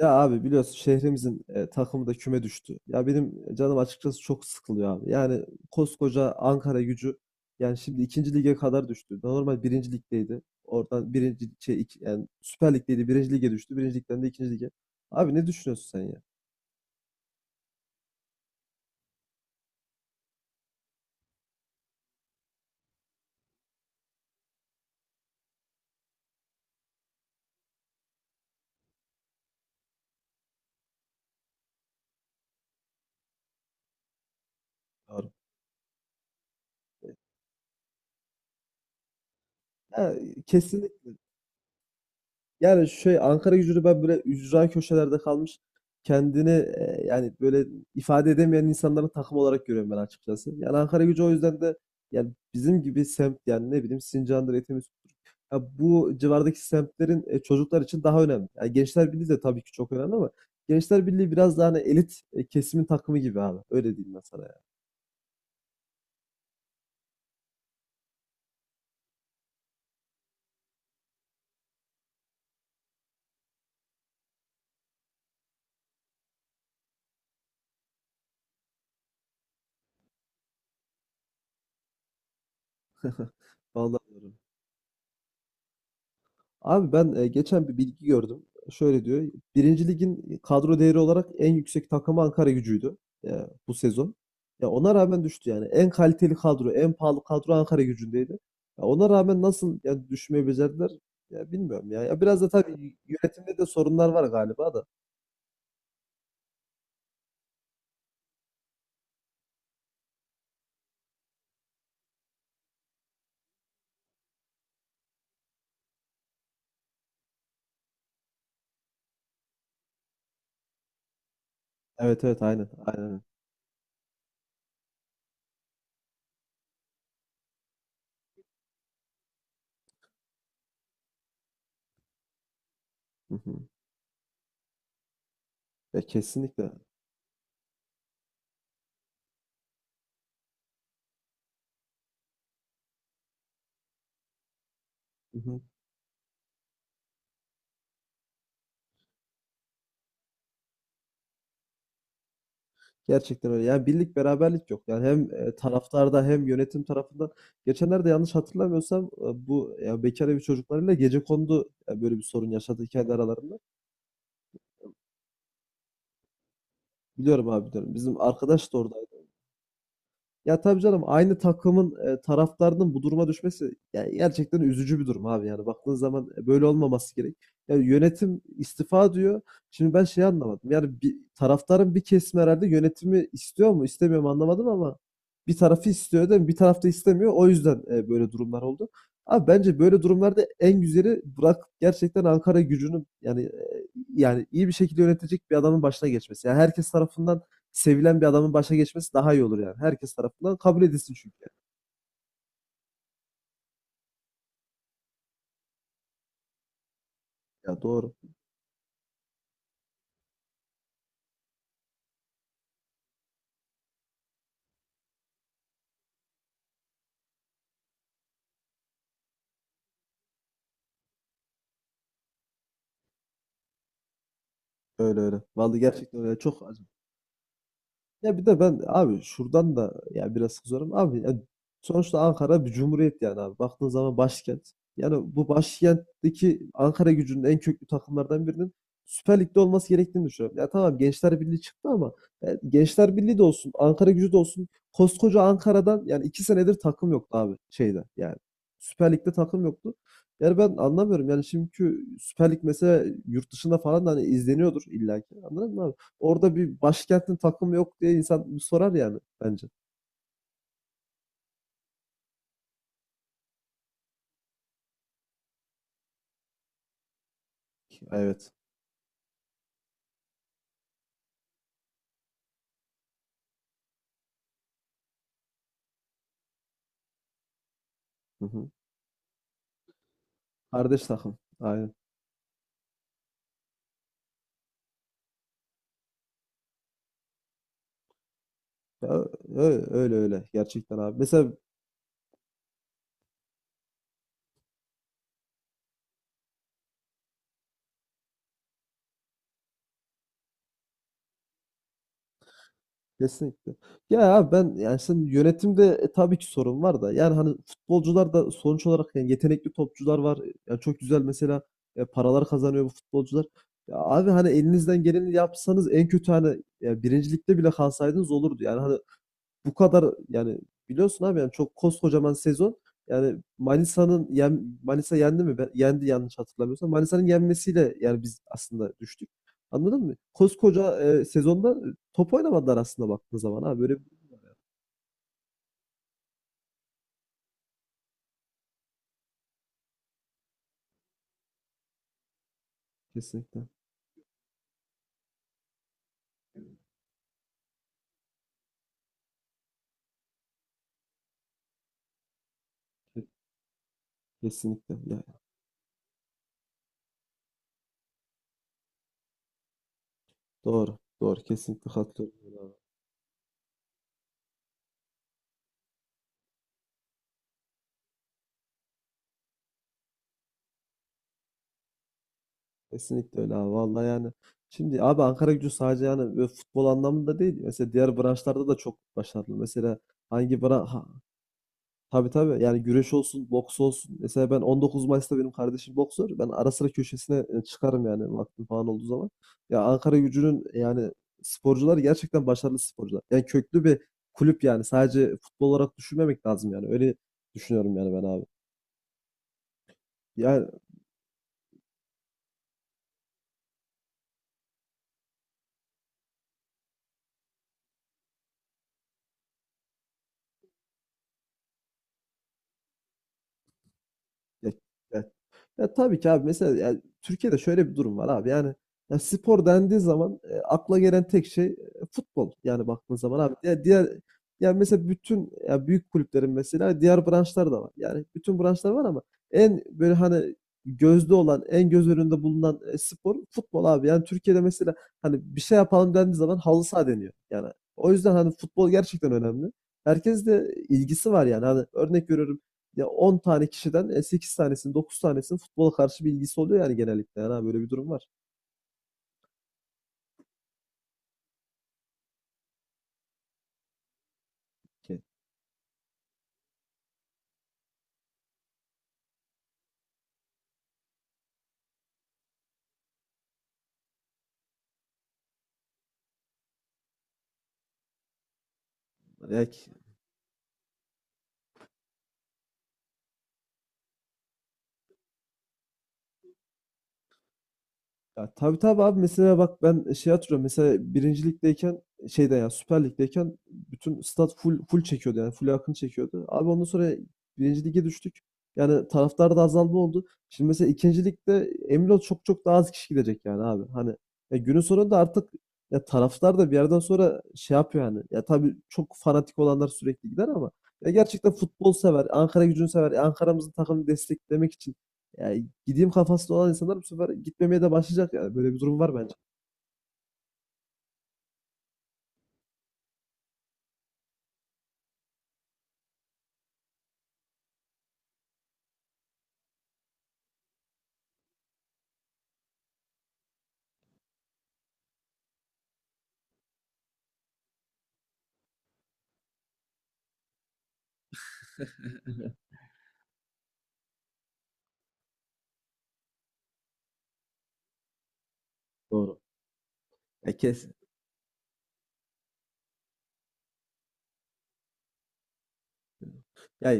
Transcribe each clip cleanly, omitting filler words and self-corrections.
Ya abi biliyorsun şehrimizin takımı da küme düştü. Ya benim canım açıkçası çok sıkılıyor abi. Yani koskoca Ankara Gücü yani şimdi ikinci lige kadar düştü. Normal birinci ligdeydi. Oradan birinci şey, yani Süper Lig'deydi birinci lige düştü. Birinci ligden de ikinci lige. Abi ne düşünüyorsun sen ya? Doğru. Ya, kesinlikle. Yani şey Ankaragücü'nü ben böyle ücra köşelerde kalmış kendini, yani böyle ifade edemeyen insanların takım olarak görüyorum ben açıkçası. Yani Ankaragücü o yüzden de yani bizim gibi semt yani ne bileyim Sincan'dır, Etimesgut'tur. Ya bu civardaki semtlerin çocuklar için daha önemli. Yani Gençler Birliği de tabii ki çok önemli ama Gençler Birliği biraz daha hani elit kesimin takımı gibi abi. Öyle diyeyim ben sana yani. Vallahi. Abi ben geçen bir bilgi gördüm. Şöyle diyor. Birinci Lig'in kadro değeri olarak en yüksek takımı Ankara Gücü'ydü e, bu sezon. Ya ona rağmen düştü yani. En kaliteli kadro, en pahalı kadro Ankara Gücü'ndeydi. Ya ona rağmen nasıl ya düşmeyi becerdiler? Ya bilmiyorum ya. Ya biraz da tabii yönetimde de sorunlar var galiba da. Evet evet aynen. Aynen. Hı hı. Ya kesinlikle. Hı hı. Gerçekten öyle. Yani birlik beraberlik yok. Yani hem taraftarda hem yönetim tarafından. Geçenlerde yanlış hatırlamıyorsam bu ya bekar evi çocuklarıyla gecekondu böyle bir sorun yaşadı kendi aralarında. Biliyorum abi diyorum. Bizim arkadaş da orada. Ya tabii canım aynı takımın taraftarının bu duruma düşmesi yani gerçekten üzücü bir durum abi yani baktığın zaman böyle olmaması gerek. Yani yönetim istifa diyor. Şimdi ben şey anlamadım. Yani bir, taraftarın bir kesimi herhalde yönetimi istiyor mu istemiyor mu anlamadım ama bir tarafı istiyor değil mi? Bir taraf da istemiyor. O yüzden böyle durumlar oldu. Abi bence böyle durumlarda en güzeli bırak gerçekten Ankara gücünü yani yani iyi bir şekilde yönetecek bir adamın başına geçmesi. Yani herkes tarafından sevilen bir adamın başa geçmesi daha iyi olur yani. Herkes tarafından kabul edilsin çünkü. Ya doğru. Öyle öyle. Vallahi gerçekten öyle. Çok. Ya bir de ben abi şuradan da ya biraz kızıyorum. Abi ya sonuçta Ankara bir cumhuriyet yani abi. Baktığın zaman başkent. Yani bu başkentteki Ankara gücünün en köklü takımlardan birinin Süper Lig'de olması gerektiğini düşünüyorum. Ya tamam Gençler Birliği çıktı ama ya Gençler Birliği de olsun, Ankara gücü de olsun. Koskoca Ankara'dan yani 2 senedir takım yoktu abi şeyde yani. Süper Lig'de takım yoktu. Yani ben anlamıyorum. Yani şimdiki Süper Lig mesela yurt dışında falan da hani izleniyordur illaki. Anladın mı abi? Orada bir başkentin takımı yok diye insan bir sorar yani bence. Evet. Hı hı. Kardeş takım. Aynen. Ya, öyle öyle gerçekten abi. Mesela kesinlikle. Ya abi ben yani sen yönetimde tabii ki sorun var da yani hani futbolcular da sonuç olarak yani yetenekli topçular var. Yani çok güzel mesela paralar kazanıyor bu futbolcular. Ya abi hani elinizden geleni yapsanız en kötü hani ya birincilikte bile kalsaydınız olurdu. Yani hani bu kadar yani biliyorsun abi yani çok koskocaman sezon yani Manisa'nın Manisa yendi mi? Yendi yanlış hatırlamıyorsam. Manisa'nın yenmesiyle yani biz aslında düştük. Anladın mı? Koskoca sezonda top oynamadılar aslında baktığın zaman ha böyle kesinlikle. Ke- Kesinlikle yani doğru doğru kesinlikle katılıyorum öyle abi. Kesinlikle öyle abi vallahi yani şimdi abi Ankaragücü sadece yani böyle futbol anlamında değil mesela diğer branşlarda da çok başarılı. Mesela. Hangi bran Tabii tabii. Yani güreş olsun, boks olsun. Mesela ben 19 Mayıs'ta benim kardeşim boksör. Ben ara sıra köşesine çıkarım yani vaktim falan olduğu zaman. Ya Ankaragücü'nün yani sporcuları gerçekten başarılı sporcular. Yani köklü bir kulüp yani. Sadece futbol olarak düşünmemek lazım yani. Öyle düşünüyorum yani ben abi. Yani ya. Ya tabii ki abi mesela yani Türkiye'de şöyle bir durum var abi. Yani ya spor dendiği zaman akla gelen tek şey futbol. Yani baktığın zaman abi ya diğer yani mesela bütün ya büyük kulüplerin mesela diğer branşlar da var. Yani bütün branşlar var ama en böyle hani gözde olan, en göz önünde bulunan spor futbol abi. Yani Türkiye'de mesela hani bir şey yapalım dendiği zaman halı saha deniyor. Yani o yüzden hani futbol gerçekten önemli. Herkes de ilgisi var yani. Hani örnek veriyorum ya 10 tane kişiden 8 tanesinin 9 tanesinin futbola karşı bir ilgisi oluyor yani genellikle. Yani böyle bir durum var. Yani. Ya tabii tabii abi mesela bak ben şey hatırlıyorum mesela birincilikteyken ligdeyken şeyde ya Süper Lig'deyken bütün stat full full çekiyordu yani full akın çekiyordu. Abi ondan sonra birinci lige düştük. Yani taraftar da azalma oldu. Şimdi mesela ikinci ligde emin ol çok çok daha az kişi gidecek yani abi. Hani ya günün sonunda artık ya taraftar da bir yerden sonra şey yapıyor yani. Ya tabii çok fanatik olanlar sürekli gider ama ya gerçekten futbol sever, Ankara gücünü sever, Ankara'mızın takımını desteklemek için yani gideyim kafasında olan insanlar bu sefer gitmemeye de başlayacak yani. Böyle bir durum var bence. E kes. Ya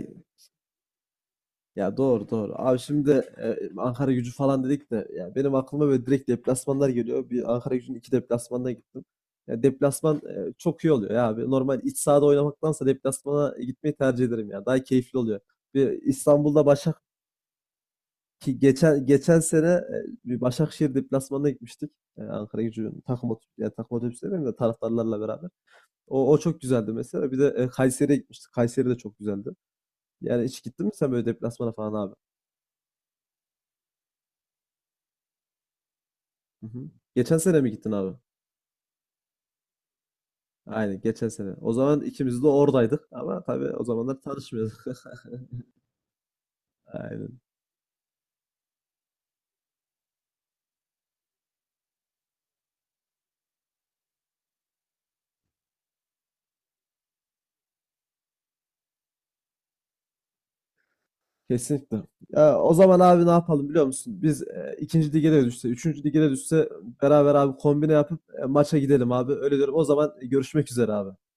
ya doğru doğru. Abi şimdi e, Ankara Gücü falan dedik de ya benim aklıma böyle direkt deplasmanlar geliyor. Bir Ankara Gücü'nün iki deplasmanına gittim. Ya deplasman çok iyi oluyor ya abi. Normal iç sahada oynamaktansa deplasmana gitmeyi tercih ederim ya. Daha keyifli oluyor. Bir İstanbul'da ki geçen sene bir Başakşehir deplasmanına gitmiştik. Ankara Gücü'nün takım otobüsü, yani takım otobüsü demeyeyim de taraftarlarla beraber. O çok güzeldi mesela. Bir de Kayseri'ye gitmiştik. Kayseri de çok güzeldi. Yani hiç gittin mi sen böyle deplasmana falan abi? Hı hı. Geçen sene mi gittin abi? Aynen geçen sene. O zaman ikimiz de oradaydık ama tabii o zamanlar tanışmıyorduk. Aynen. Kesinlikle. Ya, o zaman abi ne yapalım biliyor musun? Biz ikinci lige de düşse, üçüncü lige de düşse beraber abi kombine yapıp maça gidelim abi. Öyle diyorum. O zaman görüşmek üzere abi.